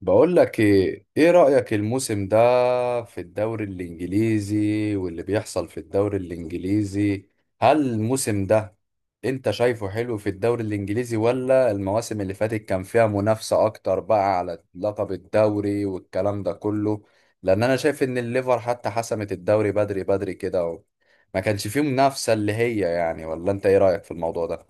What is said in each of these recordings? بقول لك ايه رأيك الموسم ده في الدوري الانجليزي واللي بيحصل في الدوري الانجليزي. هل الموسم ده انت شايفه حلو في الدوري الانجليزي، ولا المواسم اللي فاتت كان فيها منافسة اكتر بقى على لقب الدوري والكلام ده كله؟ لان انا شايف ان الليفر حتى حسمت الدوري بدري بدري كده ما كانش فيه منافسة، اللي هي يعني، ولا انت ايه رأيك في الموضوع ده؟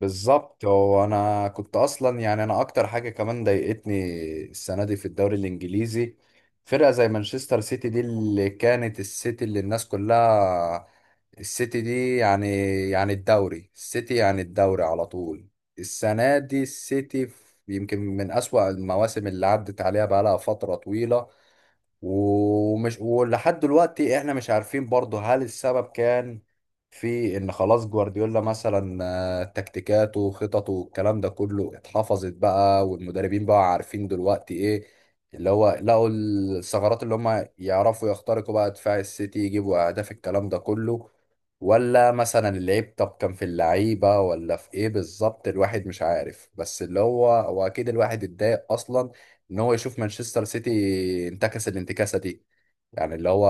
بالظبط. هو انا كنت اصلا يعني انا اكتر حاجه كمان ضايقتني السنه دي في الدوري الانجليزي فرقه زي مانشستر سيتي دي، اللي كانت السيتي اللي الناس كلها، السيتي دي يعني، يعني الدوري السيتي يعني الدوري على طول. السنه دي السيتي يمكن من اسوأ المواسم اللي عدت عليها بقالها فتره طويله. ولحد دلوقتي احنا مش عارفين برضه، هل السبب كان في ان خلاص جوارديولا مثلا تكتيكاته وخططه والكلام ده كله اتحفظت بقى، والمدربين بقى عارفين دلوقتي ايه، اللي هو لقوا الثغرات اللي هم يعرفوا يخترقوا بقى دفاع السيتي، يجيبوا اهداف الكلام ده كله؟ ولا مثلا اللعيب، طب كان في اللعيبة ولا في ايه بالظبط؟ الواحد مش عارف، بس اللي هو اكيد الواحد اتضايق اصلا ان هو يشوف مانشستر سيتي انتكس الانتكاسه دي. يعني اللي هو،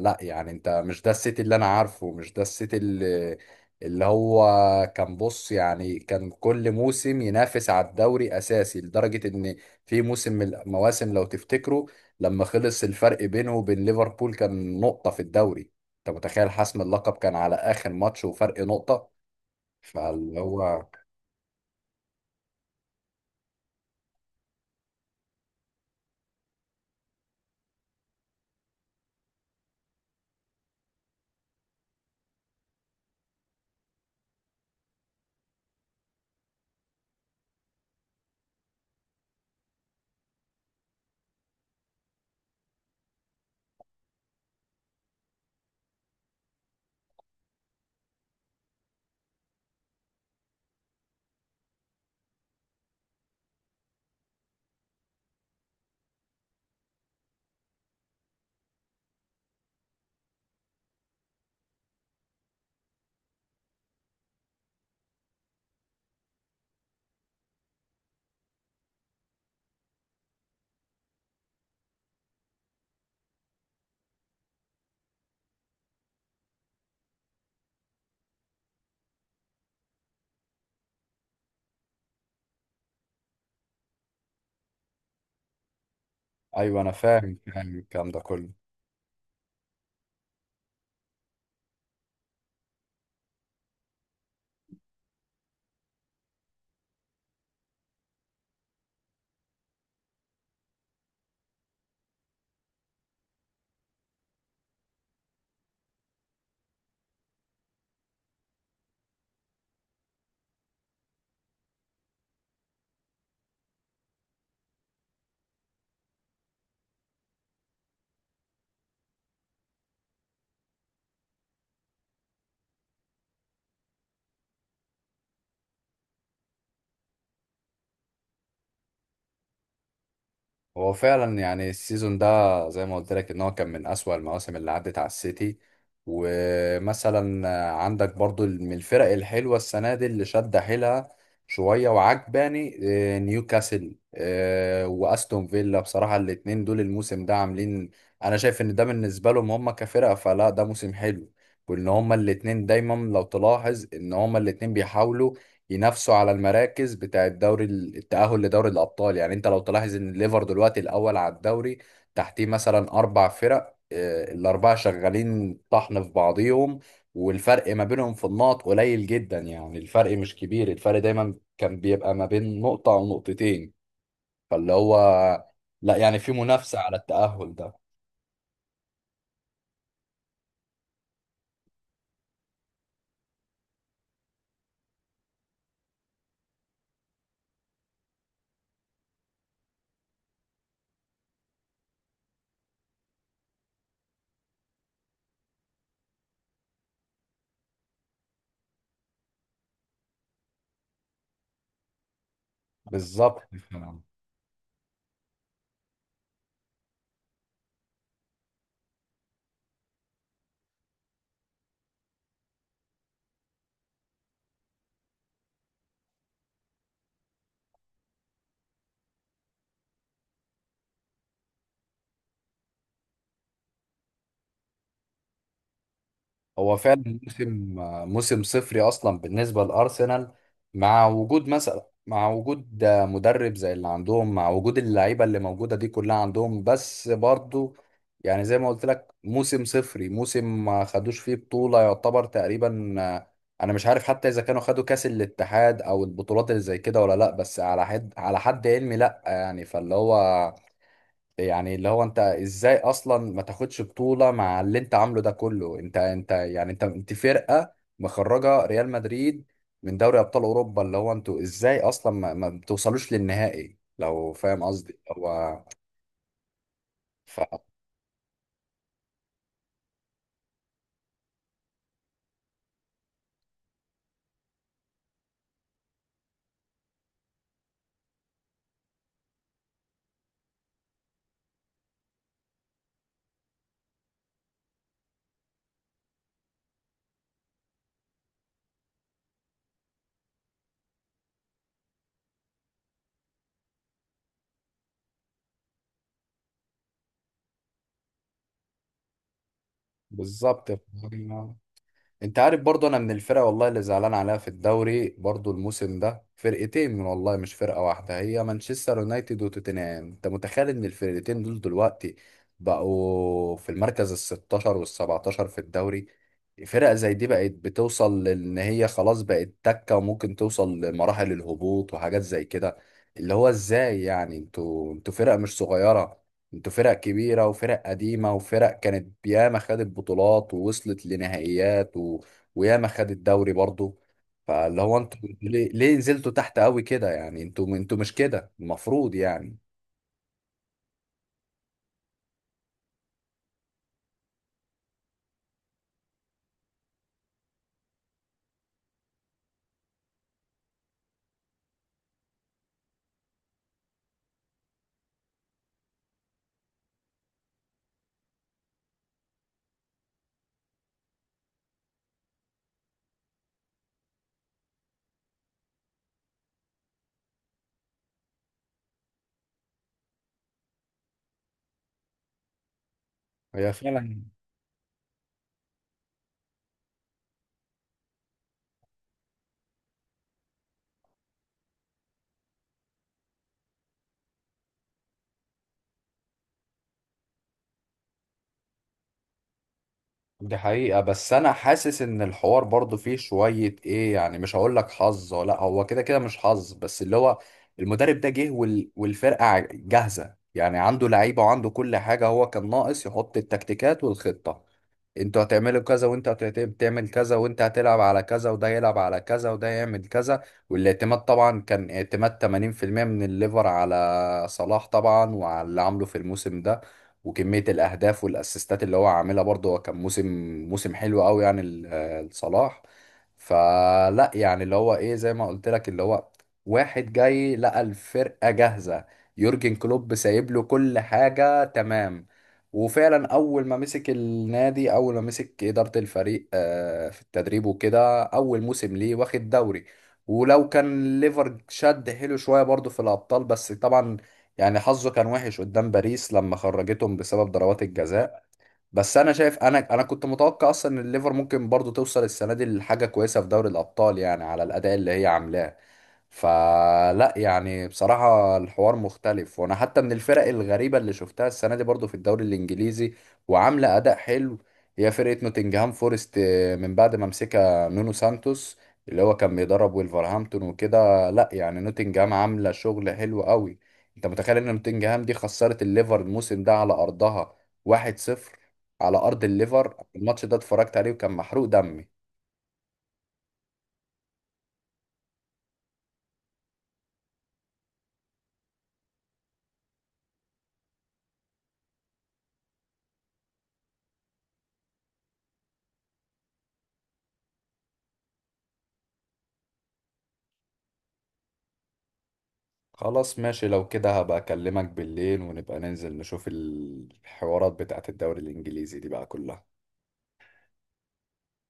لا يعني انت مش ده السيتي اللي انا عارفه، مش ده السيتي اللي، اللي هو كان، بص يعني، كان كل موسم ينافس على الدوري اساسي، لدرجه ان في موسم من المواسم، لو تفتكروا، لما خلص الفرق بينه وبين ليفربول كان نقطه في الدوري. انت متخيل؟ حسم اللقب كان على اخر ماتش وفرق نقطه. فاللي هو، ايوه انا فاهم الكلام ده كله. هو فعلا يعني السيزون ده، زي ما قلت لك، ان هو كان من اسوأ المواسم اللي عدت على السيتي. ومثلا عندك برضو من الفرق الحلوة السنة دي اللي شد حيلها شوية وعجباني، نيوكاسل واستون فيلا، بصراحة الاتنين دول الموسم ده عاملين. انا شايف ان ده بالنسبة لهم هم كفرقة، فلا ده موسم حلو. وان هما الاتنين دايما، لو تلاحظ، ان هما الاتنين بيحاولوا ينافسوا على المراكز بتاع الدوري، التأهل لدوري الأبطال. يعني أنت لو تلاحظ إن الليفر دلوقتي الأول على الدوري، تحتيه مثلا أربع فرق، الأربعة شغالين طحن في بعضيهم. والفرق ما بينهم في النقط قليل جدا، يعني الفرق مش كبير، الفرق دايما كان بيبقى ما بين نقطة أو نقطتين. فاللي هو، لا يعني في منافسة على التأهل ده. بالظبط. هو فعلا موسم، موسم صفري اصلا بالنسبه لارسنال. مع وجود مثلا، مع وجود مدرب زي اللي عندهم، مع وجود اللعيبه اللي موجوده دي كلها عندهم، بس برضو يعني زي ما قلت لك، موسم صفري، موسم ما خدوش فيه بطوله يعتبر تقريبا. انا مش عارف حتى اذا كانوا خدوا كاس الاتحاد او البطولات اللي زي كده، ولا لا، بس على حد، على حد علمي لا يعني. فاللي هو، يعني اللي هو، انت ازاي اصلا ما تاخدش بطولة مع اللي انت عامله ده كله؟ انت، انت يعني، انت فرقة مخرجة ريال مدريد من دوري ابطال اوروبا. اللي هو انتوا ازاي اصلا ما بتوصلوش للنهائي، لو فاهم قصدي؟ هو ف، بالظبط. انت عارف برضه، انا من الفرق والله اللي زعلان عليها في الدوري برضه الموسم ده فرقتين، من والله مش فرقة واحدة، هي مانشستر يونايتد وتوتنهام. انت متخيل ان الفرقتين دول دلوقتي بقوا في المركز ال 16 وال 17 في الدوري؟ فرق زي دي بقت بتوصل لان هي خلاص بقت تكة، وممكن توصل لمراحل الهبوط وحاجات زي كده. اللي هو ازاي؟ يعني انتوا فرقة مش صغيرة، انتوا فرق كبيرة وفرق قديمة وفرق كانت ياما خدت بطولات ووصلت لنهائيات وياما خدت دوري برضو. فاللي هو انتوا ليه نزلتوا تحت قوي كده يعني؟ انتوا مش كده المفروض يعني. هي فعلا دي حقيقة. بس أنا حاسس إن الحوار برضو فيه شوية إيه يعني، مش هقول لك حظ، ولا هو كده كده مش حظ، بس اللي هو، المدرب ده جه والفرقة جاهزة، يعني عنده لعيبة وعنده كل حاجة، هو كان ناقص يحط التكتيكات والخطة. انتوا هتعملوا كذا، وانت هتعمل كذا، وانت هتلعب على كذا، وده يلعب على كذا، وده يعمل كذا. والاعتماد طبعا كان اعتماد 80% من الليفر على صلاح طبعا، وعلى اللي عامله في الموسم ده وكمية الأهداف والأسيستات اللي هو عاملها. برضه هو كان موسم، موسم حلو قوي يعني لصلاح. فلا يعني اللي هو ايه، زي ما قلت لك، اللي هو واحد جاي لقى الفرقة جاهزة، يورجن كلوب سايب له كل حاجة تمام. وفعلا اول ما مسك النادي، اول ما مسك اداره الفريق في التدريب وكده، اول موسم ليه واخد دوري. ولو كان ليفر شد حيله شويه برضه في الابطال، بس طبعا يعني حظه كان وحش قدام باريس لما خرجتهم بسبب ضربات الجزاء. بس انا شايف انا كنت متوقع اصلا ان الليفر ممكن برضه توصل السنه دي لحاجه كويسه في دوري الابطال، يعني على الاداء اللي هي عاملاه. فلا يعني بصراحة الحوار مختلف. وانا حتى من الفرق الغريبة اللي شفتها السنة دي برضو في الدوري الانجليزي وعاملة اداء حلو، هي فرقة نوتنجهام فورست من بعد ما مسكها نونو سانتوس، اللي هو كان بيدرب ويلفرهامبتون وكده. لا يعني نوتنجهام عاملة شغل حلو قوي. انت متخيل ان نوتنجهام دي خسرت الليفر الموسم ده على ارضها 1-0، على ارض الليفر؟ الماتش ده اتفرجت عليه وكان محروق دمي. خلاص ماشي، لو كده هبقى اكلمك بالليل، ونبقى ننزل نشوف الحوارات بتاعت الدوري الانجليزي دي بقى كلها.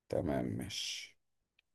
تمام ماشي.